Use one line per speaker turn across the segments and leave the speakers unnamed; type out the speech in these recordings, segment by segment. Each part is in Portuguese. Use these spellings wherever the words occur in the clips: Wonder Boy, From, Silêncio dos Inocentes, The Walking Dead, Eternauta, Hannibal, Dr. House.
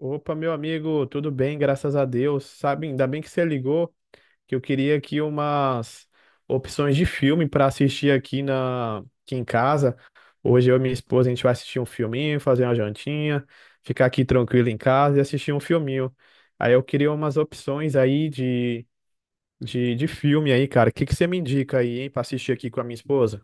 Opa, meu amigo, tudo bem, graças a Deus. Sabe, ainda bem que você ligou, que eu queria aqui umas opções de filme para assistir aqui na aqui em casa. Hoje eu e minha esposa a gente vai assistir um filminho, fazer uma jantinha, ficar aqui tranquilo em casa e assistir um filminho. Aí eu queria umas opções aí de filme aí, cara. O que que você me indica aí, hein, para assistir aqui com a minha esposa?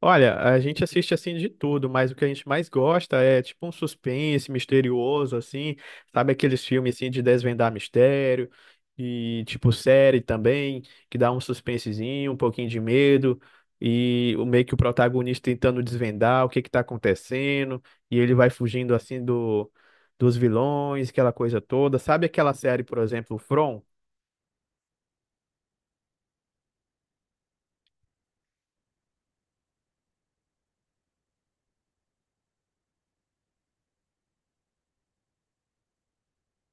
Olha, a gente assiste assim de tudo, mas o que a gente mais gosta é tipo um suspense misterioso, assim, sabe aqueles filmes assim de desvendar mistério e tipo série também, que dá um suspensezinho, um pouquinho de medo e o meio que o protagonista tentando desvendar o que que tá acontecendo e ele vai fugindo assim do dos vilões, aquela coisa toda. Sabe aquela série, por exemplo, From?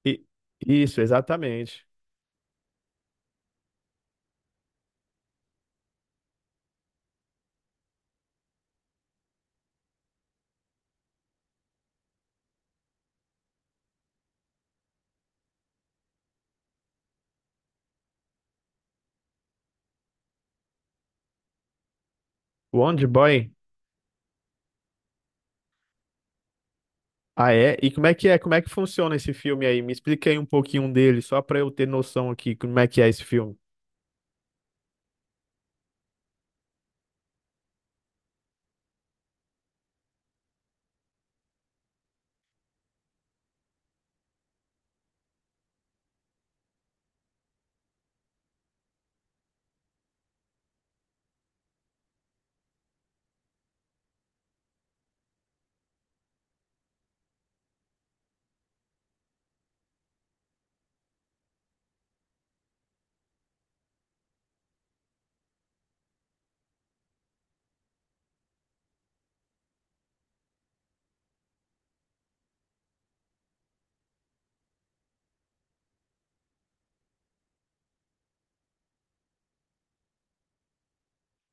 E, isso, exatamente. Wonder Boy. Ah, é? E como é que é? Como é que funciona esse filme aí? Me explica aí um pouquinho dele, só pra eu ter noção aqui como é que é esse filme.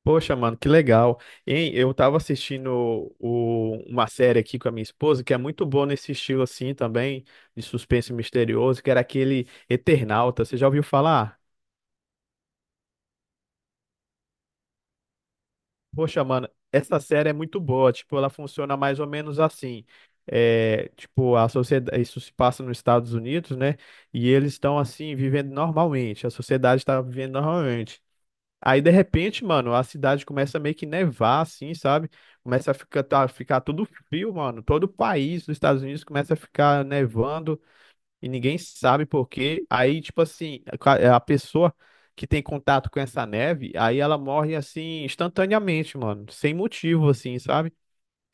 Poxa, mano, que legal. Hein, eu tava assistindo uma série aqui com a minha esposa, que é muito boa nesse estilo assim também, de suspense misterioso, que era aquele Eternauta. Você já ouviu falar? Poxa, mano, essa série é muito boa. Tipo, ela funciona mais ou menos assim. É, tipo, a sociedade, isso se passa nos Estados Unidos, né? E eles estão assim vivendo normalmente. A sociedade está vivendo normalmente. Aí, de repente, mano, a cidade começa a meio que nevar, assim, sabe? Começa a ficar, ficar tudo frio, mano. Todo o país dos Estados Unidos começa a ficar nevando e ninguém sabe por quê. Aí, tipo assim, a pessoa que tem contato com essa neve, aí ela morre assim instantaneamente, mano, sem motivo, assim, sabe?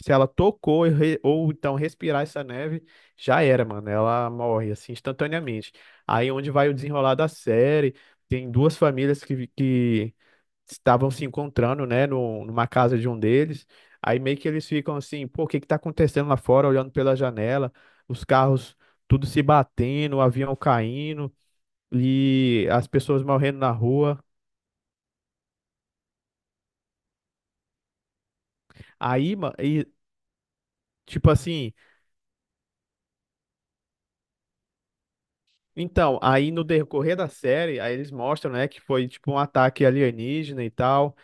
Se ela tocou e ou então respirar essa neve, já era, mano. Ela morre assim instantaneamente. Aí onde vai o desenrolar da série? Tem duas famílias que estavam se encontrando, né, no, numa casa de um deles. Aí meio que eles ficam assim, pô, o que que tá acontecendo lá fora, olhando pela janela, os carros tudo se batendo, o avião caindo e as pessoas morrendo na rua. Aí, ma- e, tipo assim, Então, aí no decorrer da série, aí eles mostram, né, que foi tipo um ataque alienígena e tal,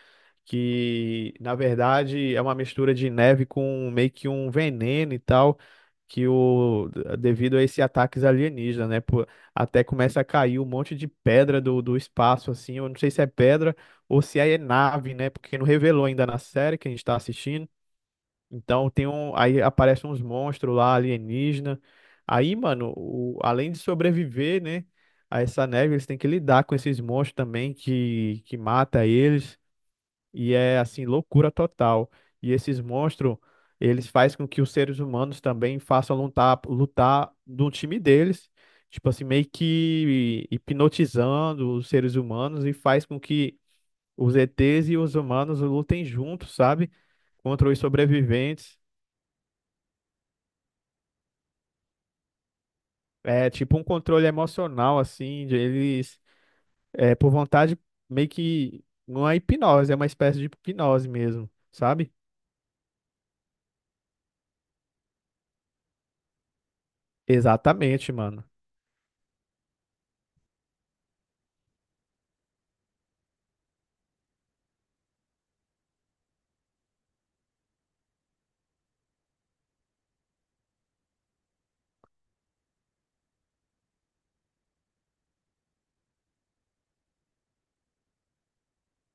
que na verdade é uma mistura de neve com meio que um veneno e tal, que o devido a esses ataques alienígenas, né, pô, até começa a cair um monte de pedra do espaço assim, eu não sei se é pedra ou se é nave, né, porque não revelou ainda na série que a gente está assistindo. Aí aparecem uns monstros lá alienígena. Aí, mano, além de sobreviver, né, a essa neve, eles têm que lidar com esses monstros também que mata eles. E é assim, loucura total. E esses monstros, eles fazem com que os seres humanos também façam lutar, lutar do time deles. Tipo assim, meio que hipnotizando os seres humanos e faz com que os ETs e os humanos lutem juntos, sabe? Contra os sobreviventes. É tipo um controle emocional, assim, de eles, por vontade, meio que não é hipnose, é uma espécie de hipnose mesmo, sabe? Exatamente, mano.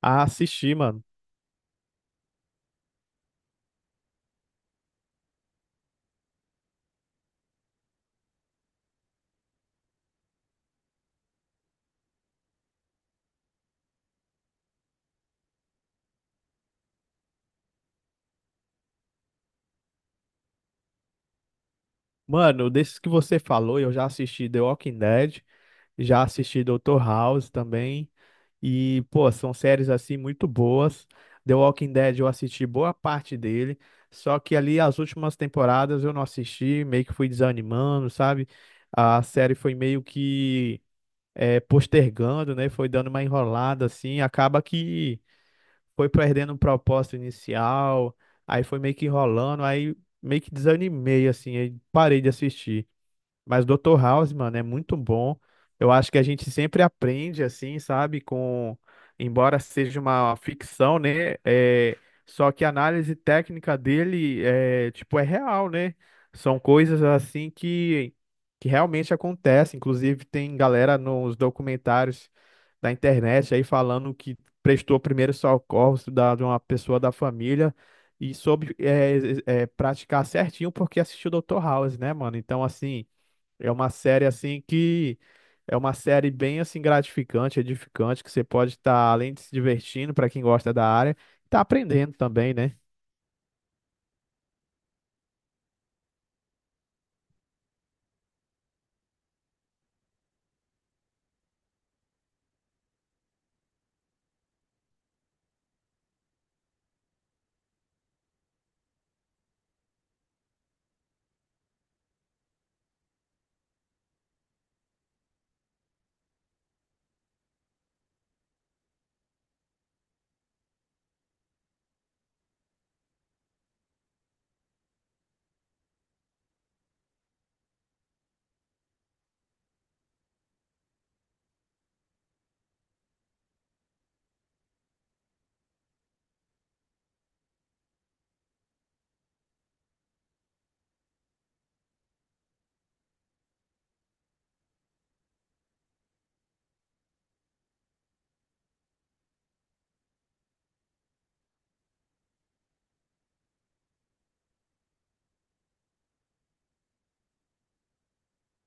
Ah, assisti, mano. Mano, desses que você falou, eu já assisti The Walking Dead, já assisti Dr. House também, e, pô, são séries assim muito boas. The Walking Dead eu assisti boa parte dele, só que ali as últimas temporadas eu não assisti, meio que fui desanimando, sabe? A série foi meio que postergando, né? Foi dando uma enrolada assim, acaba que foi perdendo o propósito inicial, aí foi meio que enrolando, aí meio que desanimei assim, aí parei de assistir. Mas Doutor House, mano, é muito bom. Eu acho que a gente sempre aprende, assim, sabe? Embora seja uma ficção, né? Só que a análise técnica dele é real, né? São coisas assim que realmente acontecem. Inclusive, tem galera nos documentários da internet aí falando que prestou primeiro socorros de uma pessoa da família e soube praticar certinho porque assistiu Doutor House, né, mano? Então, assim. É uma série assim que é uma série bem assim gratificante, edificante, que você pode estar além de se divertindo para quem gosta da área, tá aprendendo também, né?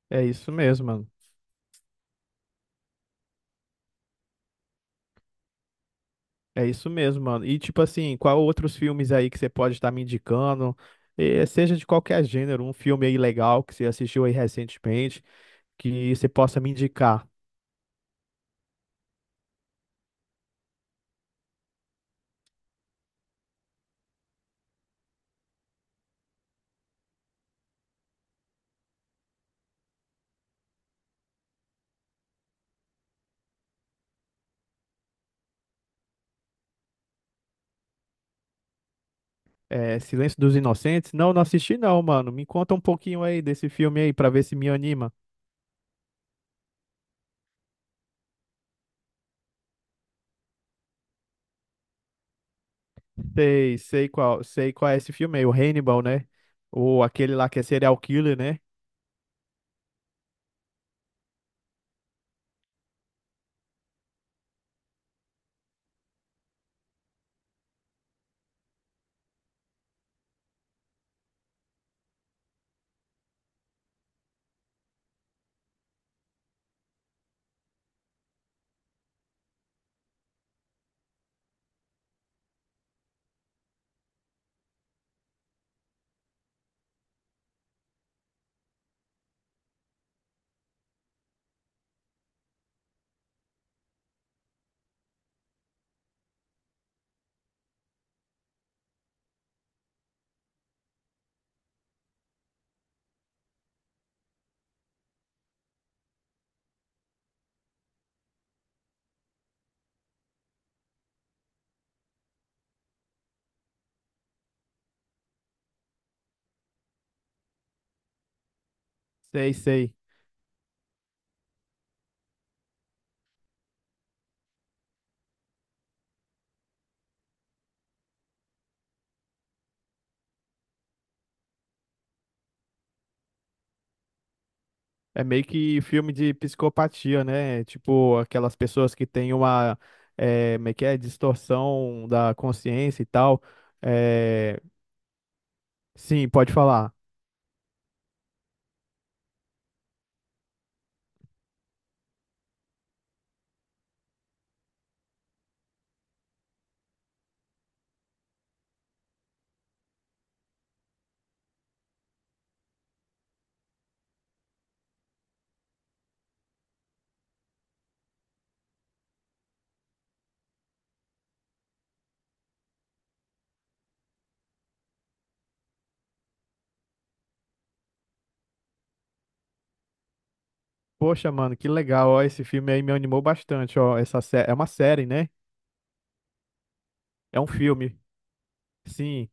É isso mesmo, mano. É isso mesmo, mano. E tipo assim, qual outros filmes aí que você pode estar me indicando? Seja de qualquer gênero, um filme aí legal que você assistiu aí recentemente, que você possa me indicar. Silêncio dos Inocentes? Não, não assisti não, mano. Me conta um pouquinho aí desse filme aí para ver se me anima. Sei qual, sei qual é esse filme aí, o Hannibal, né? Ou aquele lá que é serial killer, né? Sei, sei. É meio que filme de psicopatia, né? Tipo, aquelas pessoas que têm uma, distorção da consciência e tal. É, sim, pode falar. Poxa, mano, que legal, ó, esse filme aí me animou bastante, ó. É uma série, né? É um filme. Sim.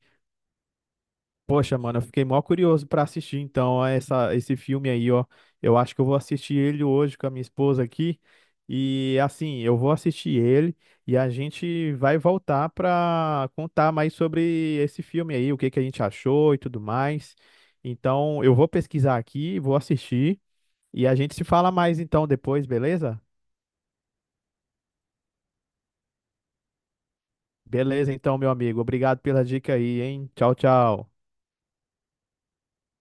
Poxa, mano, eu fiquei mó curioso pra assistir então esse filme aí, ó. Eu acho que eu vou assistir ele hoje com a minha esposa aqui. E assim, eu vou assistir ele e a gente vai voltar pra contar mais sobre esse filme aí, o que que a gente achou e tudo mais. Então, eu vou pesquisar aqui, vou assistir e a gente se fala mais então depois, beleza? Beleza, então, meu amigo. Obrigado pela dica aí, hein? Tchau, tchau.